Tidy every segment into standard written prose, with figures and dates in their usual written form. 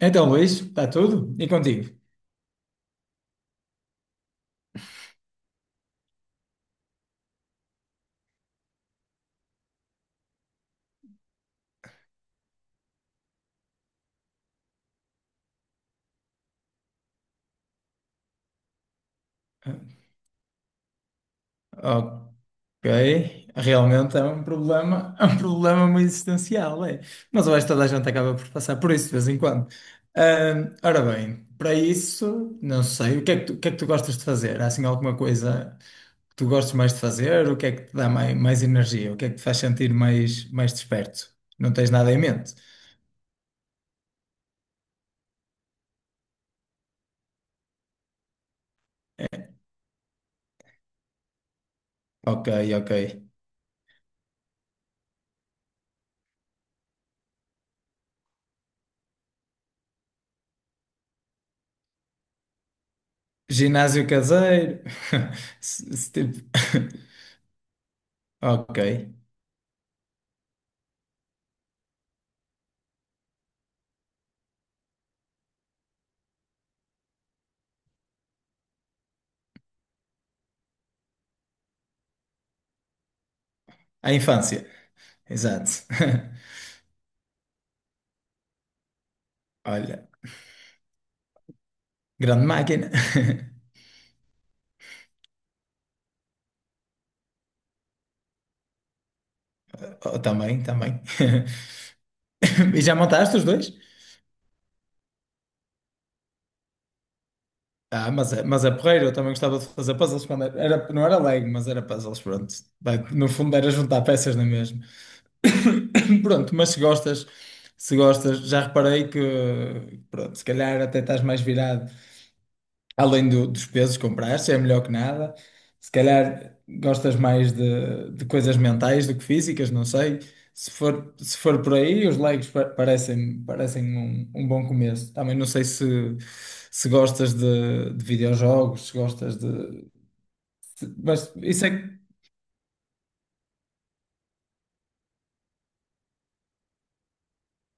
Então, Luís, está tudo? E contigo? Ah, Ok. Realmente é um problema muito existencial, é. Mas eu acho que toda a gente acaba por passar por isso de vez em quando. Ora bem, para isso, não sei, o que é que tu gostas de fazer? Há assim alguma coisa que tu gostes mais de fazer? O que é que te dá mais energia? O que é que te faz sentir mais desperto? Não tens nada em mente? É, ok, ok. Ginásio caseiro? Se- se tipo- Ok. A infância, exato. Olha, grande máquina. Oh, também, também. E já montaste os dois? Ah, mas é porreiro, eu também gostava de fazer puzzles quando não era Lego, mas era puzzles, pronto. Vai, no fundo era juntar peças, não é mesmo? Pronto, mas se gostas, se gostas, já reparei que, pronto, se calhar até estás mais virado. Dos pesos que compraste, é melhor que nada. Se calhar gostas mais de coisas mentais do que físicas, não sei. Se for por aí, os parecem, parecem um bom começo. Também não sei se, se gostas de videojogos, se gostas de. Mas isso é. que-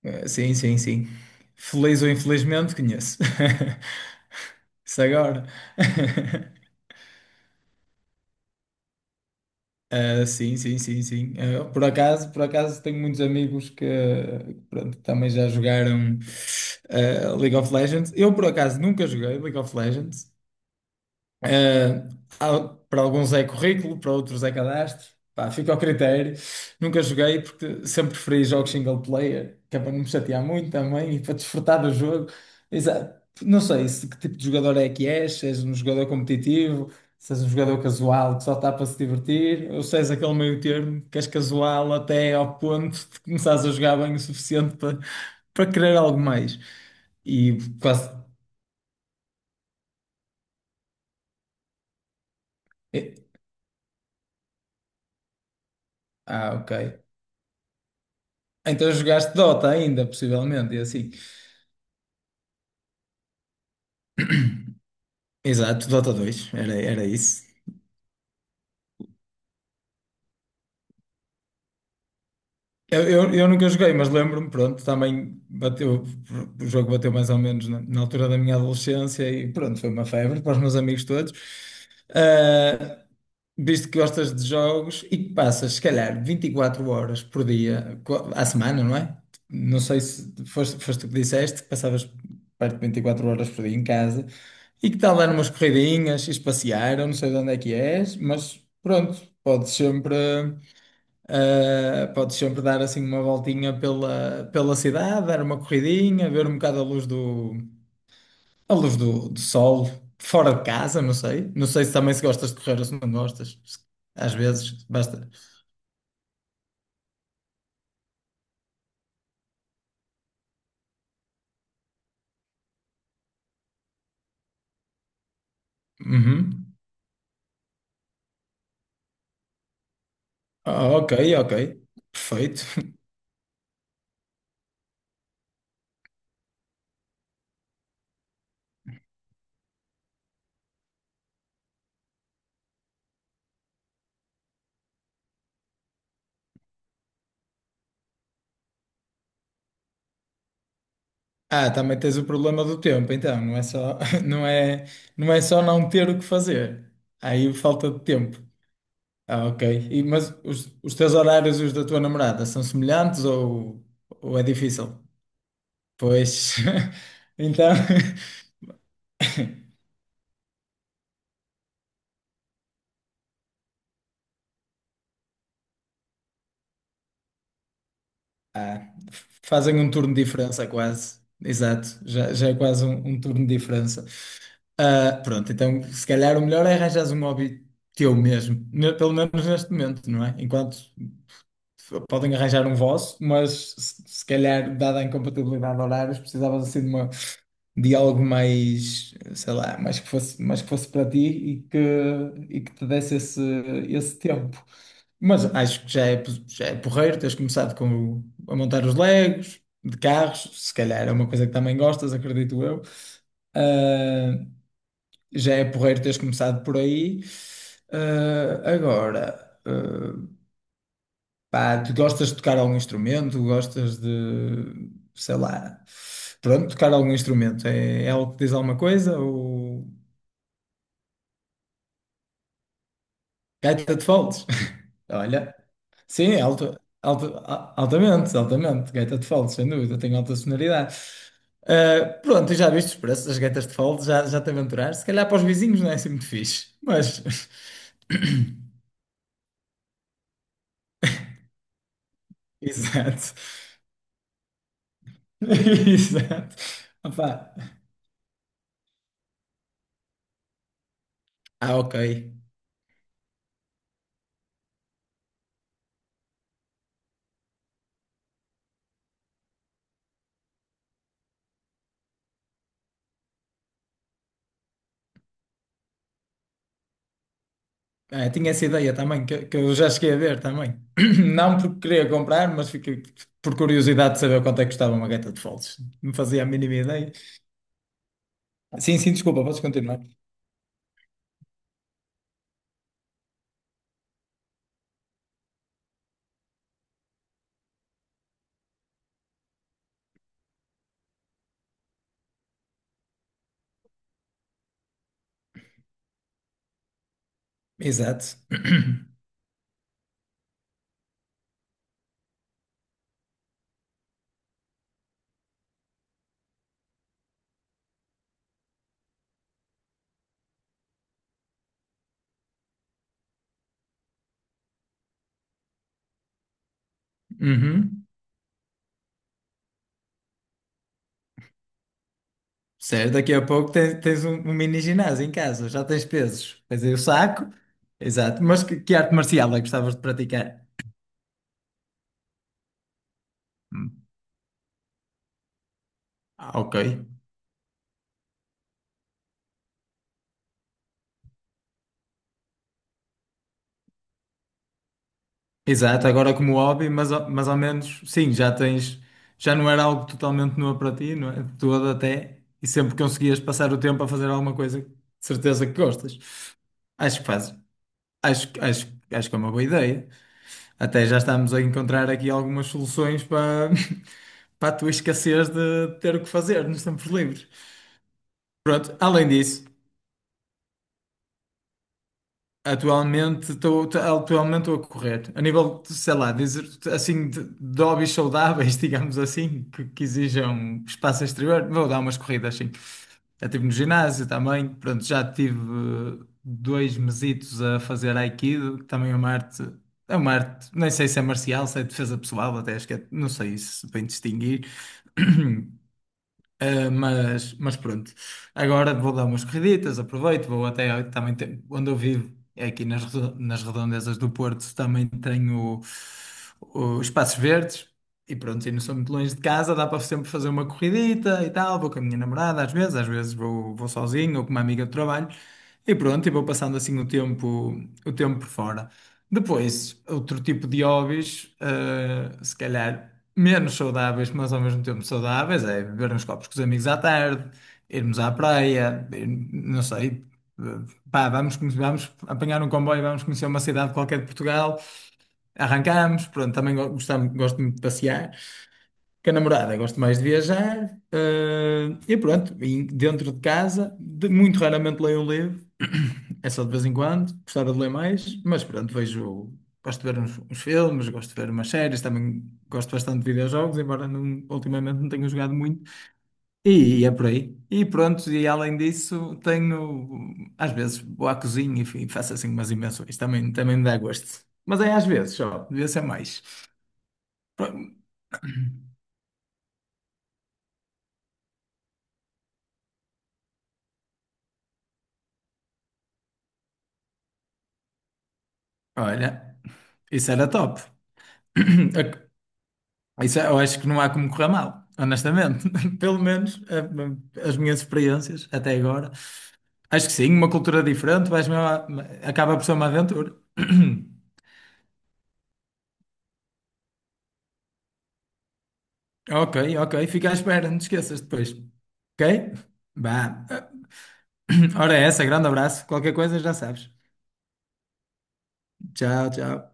eh, sim, sim, sim. Feliz ou infelizmente, conheço. Isso agora. Sim, sim, sim, sim. Por acaso tenho muitos amigos que pronto, também já jogaram League of Legends. Eu por acaso nunca joguei League of Legends. ah, Há- para alguns é currículo, para outros é cadastro. Pá, fica ao critério. Nunca joguei porque sempre preferi jogos single player, que é para não me chatear muito também e para desfrutar do jogo. Não sei se que tipo de jogador é que és, se és um jogador competitivo, se és um jogador casual que só está para se divertir, ou se és aquele meio termo que és casual até ao ponto de começares a jogar bem o suficiente para querer algo mais. E quase. eh, Ah, ok. Então jogaste Dota ainda, possivelmente, e assim. Exato, Dota dois era, era isso. Eu nunca joguei, mas lembro-me, pronto, também bateu, o jogo bateu mais ou menos na altura da minha adolescência e pronto, foi uma febre para os meus amigos todos. Ah, Visto que gostas de jogos e que passas, se calhar, 24 horas por dia, à semana, não é? Não sei se foste tu que disseste, que passavas perto de 24 horas por dia em casa e que tal dar umas corridinhas, ires passear, eu não sei de onde é que és, mas pronto, podes sempre dar assim uma voltinha pela cidade, dar uma corridinha, ver um bocado a luz do a luz do sol, fora de casa, não sei. Não sei se também se gostas de correr ou se não gostas. Às vezes, basta. Uhum. Ah, ok, ok. Perfeito. Ah, também tens o problema do tempo, então. Não é, não é só não ter o que fazer. Há aí falta de tempo. Ah, ok. E, mas os teus horários e os da tua namorada são semelhantes ou é difícil? Pois, então. Ah, fazem um turno de diferença quase. Exato, já é quase um turno de diferença. Ah, pronto, então se calhar o melhor é arranjares um hobby teu mesmo, pelo menos neste momento, não é? Enquanto podem arranjar um vosso, mas se calhar, dada a incompatibilidade de horários, precisavas assim de uma, de algo mais, sei lá, mais que fosse para ti e que te desse esse, esse tempo. Mas acho que já é, já é porreiro, tens começado com, o- a montar os Legos de carros, se calhar é uma coisa que também gostas, acredito eu. Ah, já é porreiro teres começado por aí. Ah, agora. ah, Pá, tu gostas de tocar algum instrumento? Gostas de, sei lá, pronto, tocar algum instrumento? É, é algo que diz alguma coisa? Ou gaita de foles? Olha, sim, altamente, gaita de foles, sem dúvida, tem alta sonoridade. Ah, pronto, e já viste os preços das gaitas de foles? Já te aventuraste? Se calhar para os vizinhos não é assim muito fixe, mas, exato, exato. Opá. Ah, ok. Ah, tinha essa ideia também, que eu já cheguei a ver também. Não porque queria comprar, mas fiquei por curiosidade de saber quanto é que custava uma gaita de foles. Não fazia a mínima ideia. Sim, sim, desculpa, podes continuar. Exato. Uhum. Certo, daqui a pouco tens um, um mini ginásio em casa, já tens pesos. Tens aí o saco. Exato. Mas que arte marcial é que gostavas de praticar? Ah, ok. Exato, agora como hobby, mas, mas ao menos, sim, já tens, já não era algo totalmente novo para ti, não é? De todo até, e sempre conseguias passar o tempo a fazer alguma coisa, que de certeza que gostas. Acho que fazes, acho que é uma boa ideia. Até já estamos a encontrar aqui algumas soluções para, para a tua escassez de ter o que fazer nos tempos livres. Pronto, além disso. Atualmente estou a correr. A nível, de, sei lá, dizer, de hobbies saudáveis, digamos assim, que exijam espaço exterior, vou dar umas corridas, sim. Já estive no ginásio também, pronto, já tive dois mesitos a fazer Aikido, que também é uma arte, nem sei se é marcial, se é defesa pessoal, até acho que é, não sei se bem distinguir. Mas pronto, agora vou dar umas corriditas, aproveito, vou até eu também onde eu vivo, é aqui nas, nas redondezas do Porto, também tenho os espaços verdes e pronto, e não sou muito longe de casa, dá para sempre fazer uma corridita e tal, vou com a minha namorada às vezes, vou sozinho ou com uma amiga de trabalho e pronto, e vou passando assim o tempo por fora. Depois, outro tipo de hobbies, se calhar menos saudáveis, mas ao mesmo tempo saudáveis, é beber uns copos com os amigos à tarde, irmos à praia, não sei, eh, pá, vamos apanhar um comboio, vamos conhecer uma cidade qualquer de Portugal, arrancamos, pronto, também gostamos, gosto muito de passear. Com a namorada, gosto mais de viajar, e pronto, e dentro de casa, muito raramente leio um livro, é só de vez em quando, gostava de ler mais, mas pronto, vejo, gosto de ver uns filmes, gosto de ver umas séries, também gosto bastante de videojogos, embora não- ultimamente não tenha jogado muito, e, é por aí. E pronto, e além disso, tenho, às vezes vou à cozinha e faço assim umas invenções, também, também me dá gosto, mas é às vezes só, devia ser mais. Pronto, olha, isso era top. Isso, é, eu acho que não há como correr mal, honestamente. Pelo menos as minhas experiências até agora. Acho que sim, uma cultura diferente, vais mesmo acaba por ser uma aventura. Ok, ok, fica à espera, não te esqueças depois. Ok? Vá. Ora, é essa, grande abraço. Qualquer coisa já sabes. Tchau, tchau.